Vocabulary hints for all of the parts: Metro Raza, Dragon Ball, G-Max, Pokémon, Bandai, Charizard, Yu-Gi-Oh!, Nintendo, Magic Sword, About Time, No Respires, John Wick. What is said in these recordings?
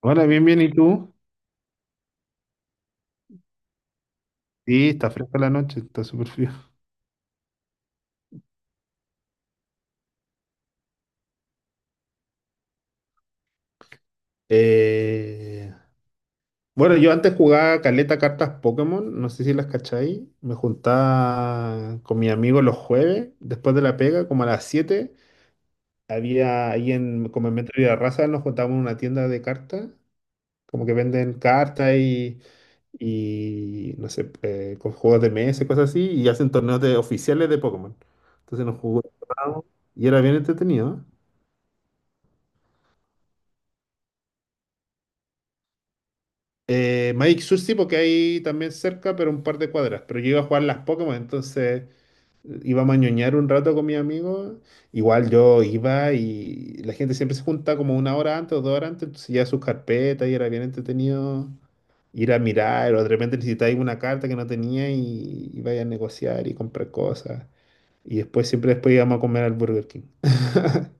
Hola, bien, bien, ¿y tú? Sí, está fresca la noche, está súper frío. Eh, bueno, yo antes jugaba caleta cartas Pokémon, no sé si las cacháis. Me juntaba con mi amigo los jueves, después de la pega, como a las 7. Había ahí como en Metro Raza nos juntábamos en una tienda de cartas, como que venden cartas y no sé, con juegos de mesa y cosas así, y hacen torneos de, oficiales de Pokémon. Entonces nos jugamos y era bien entretenido. Magic Sur porque hay también cerca, pero un par de cuadras. Pero yo iba a jugar las Pokémon, entonces iba a ñoñar un rato con mis amigos. Igual yo iba y la gente siempre se junta como una hora antes o 2 horas antes, entonces ya sus carpetas y era bien entretenido ir a mirar o de repente necesitáis una carta que no tenía y vaya a negociar y comprar cosas. Y después, siempre después íbamos a comer al Burger King.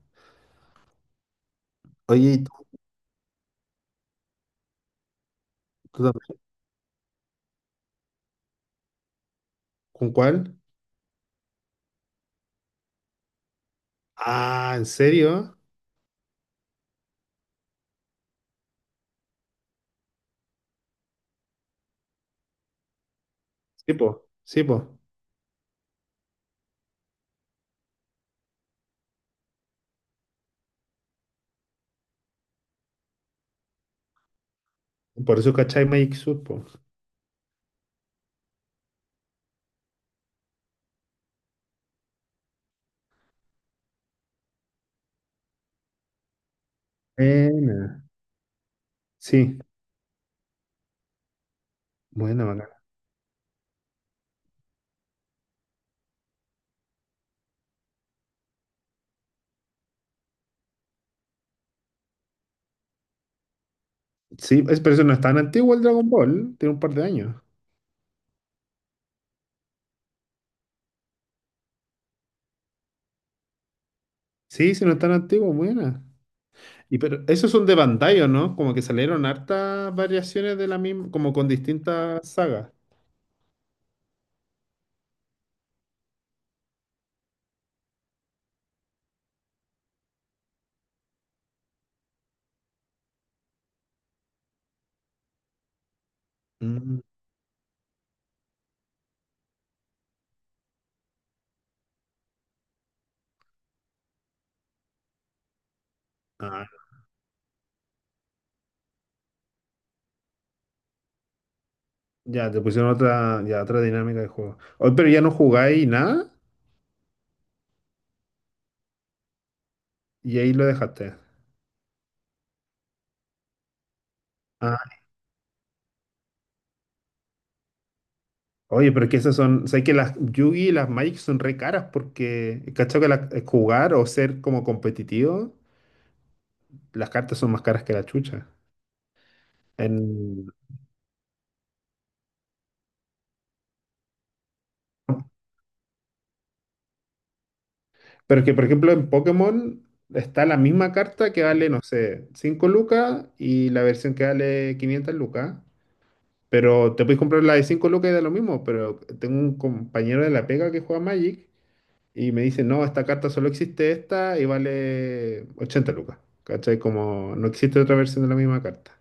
Oye, ¿y tú también? ¿Con cuál? Ah, ¿en serio? Sí, po, sí, po. Por eso, ¿cachai? Magic Sword, po. Buena. Sí, buena, bacana. Sí, es, pero eso no es tan antiguo el Dragon Ball, tiene un par de años. Sí, sí, no es tan antiguo, buena. Y pero esos son de Bandai, ¿o no? Como que salieron hartas variaciones de la misma, como con distintas sagas. Mm. Ah, ya, te pusieron otra, ya, otra dinámica de juego. Hoy, pero ya no jugáis nada y ahí lo dejaste. Ah, oye, pero es que esas son, sé que las Yugi y las Magic son re caras porque, ¿cachai? Que las- jugar o ser como competitivo. Las cartas son más caras que la chucha. En... Pero es que, por ejemplo, en Pokémon está la misma carta que vale, no sé, 5 lucas y la versión que vale 500 lucas. Pero te puedes comprar la de 5 lucas y da lo mismo. Pero tengo un compañero de la pega que juega Magic y me dice, no, esta carta solo existe esta y vale 80 lucas. ¿Cachai? Como no existe otra versión de la misma carta.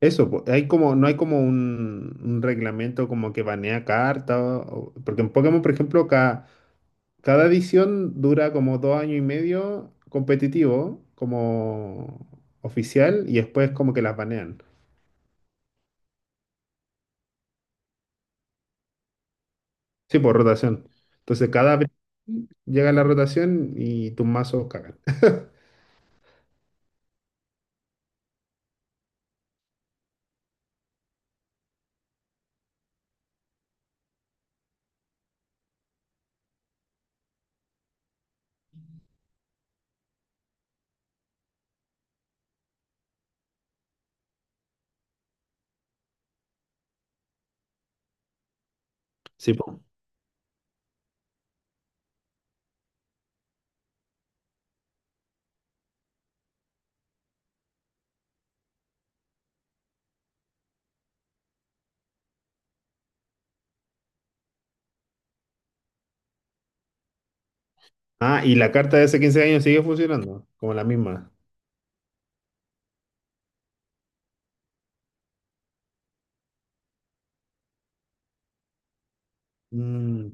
Eso, po, hay como, no hay como un reglamento como que banea cartas, porque en Pokémon, por ejemplo, cada edición dura como 2 años y medio competitivo, como oficial, y después como que las banean. Sí, por rotación. Entonces cada vez llega la rotación y tus mazos cagan. Sí, po. Ah, y la carta de hace 15 años sigue funcionando, como la misma. Mm,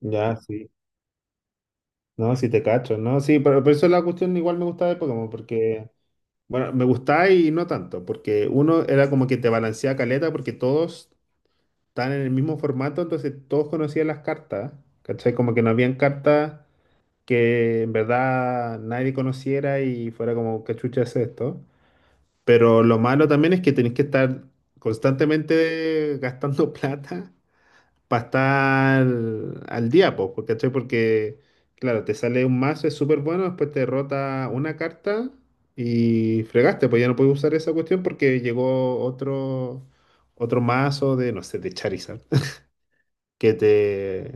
ya, sí. No, sí te cacho, ¿no? Sí, pero por eso la cuestión igual me gustaba de Pokémon, porque, bueno, me gustaba y no tanto, porque uno era como que te balancea caleta, porque todos estaban en el mismo formato, entonces todos conocían las cartas, ¿cachai? Como que no habían cartas que en verdad nadie conociera y fuera como, ¿qué chucha es esto? Pero lo malo también es que tenés que estar constantemente gastando plata para estar al día, po, po, ¿cachai? Porque, claro, te sale un mazo, es súper bueno, después te derrota una carta y fregaste, pues ya no puedes usar esa cuestión porque llegó otro... Otro mazo de, no sé, de Charizard que te,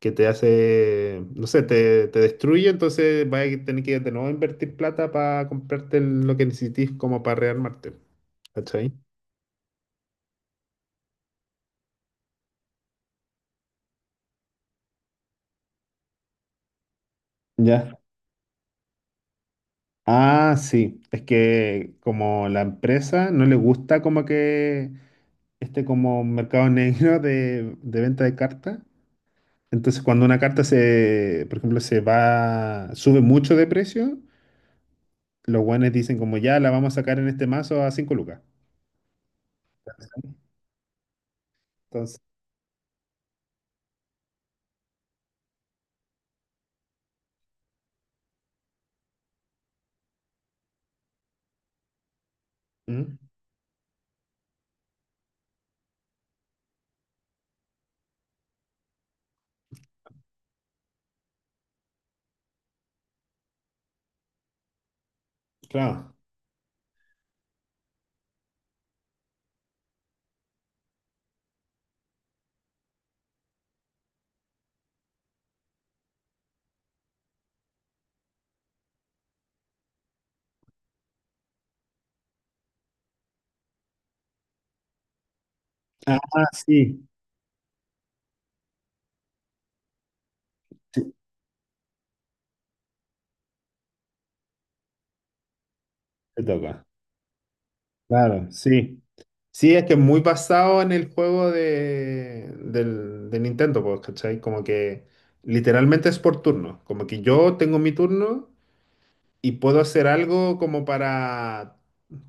que te hace, no sé, te destruye, entonces vas a tener que de nuevo invertir plata para comprarte el- lo que necesites como para rearmarte. ¿Cachai? Ya. Ah, sí, es que como la empresa no le gusta como que este como mercado negro de venta de cartas, entonces cuando una carta se, por ejemplo, se va, sube mucho de precio, los guanes dicen como ya la vamos a sacar en este mazo a 5 lucas. Entonces, ¿Mm? Claro. Ah, sí, sí, te toca. Claro, sí. Sí, es que es muy basado en el juego de, del, de Nintendo, pues, ¿cachai? Como que literalmente es por turno. Como que yo tengo mi turno y puedo hacer algo como para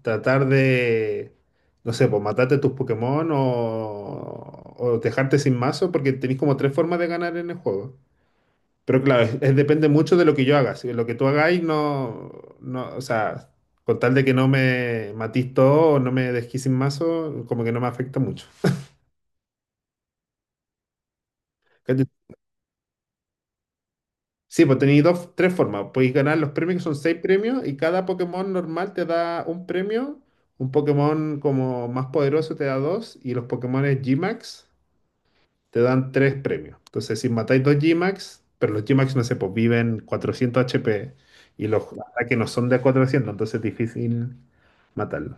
tratar de, no sé, pues matarte tus Pokémon o dejarte sin mazo, porque tenéis como tres formas de ganar en el juego. Pero claro, es- depende mucho de lo que yo haga. Si lo que tú hagáis no, no, o sea, con tal de que no me matís todo o no me dejís sin mazo, como que no me afecta mucho. ¿Cachai? Sí, pues tenéis dos, tres formas. Podéis ganar los premios, que son seis premios, y cada Pokémon normal te da un premio. Un Pokémon como más poderoso te da dos, y los Pokémon G-Max te dan tres premios. Entonces, si matáis dos G-Max, pero los G-Max, no sé, pues viven 400 HP y los ataques no son de 400, entonces es difícil matarlos.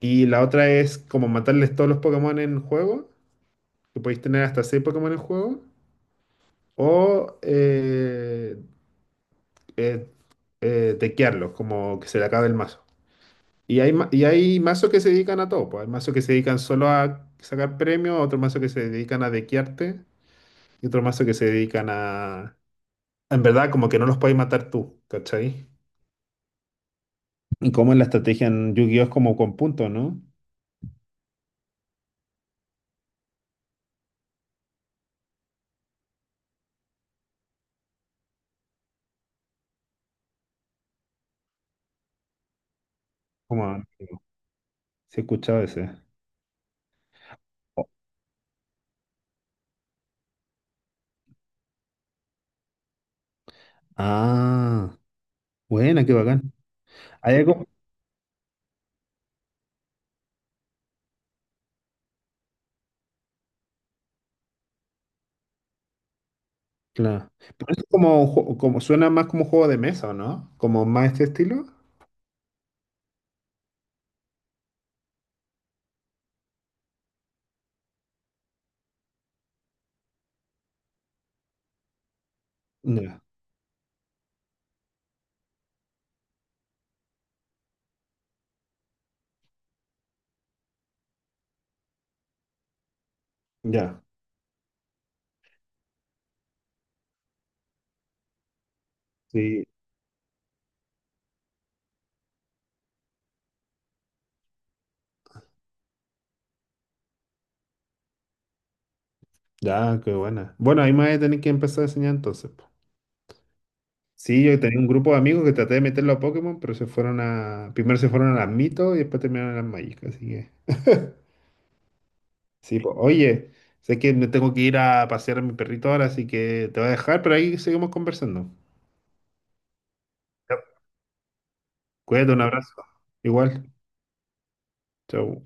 Y la otra es como matarles todos los Pokémon en juego, que podéis tener hasta 6 Pokémon en juego, o eh, dequearlos, como que se le acabe el mazo. Y hay, ma- y hay mazos que se dedican a todo, pues. Hay mazos que se dedican solo a sacar premios, otros mazos que se dedican a dequearte y otros mazos que se dedican a, en verdad, como que no los puedes matar tú, ¿cachai? Y como en la estrategia en Yu-Gi-Oh! Es como con puntos, ¿no? Como, se escucha escuchado ese. Ah, buena, qué bacán. Hay algo, claro. Pero es como, un ju- como suena más como un juego de mesa, ¿o no? Como más este estilo. Ya, ya, sí, ya, qué buena. Bueno, ahí me voy a tener que empezar a enseñar entonces, po. Sí, yo tenía un grupo de amigos que traté de meterlo a Pokémon, pero se fueron a, primero se fueron a las mitos y después terminaron en las Magic, así que. Sí, pues, oye, sé que me tengo que ir a pasear a mi perrito ahora, así que te voy a dejar, pero ahí seguimos conversando. Yep. Cuídate, un abrazo. Igual. Chau.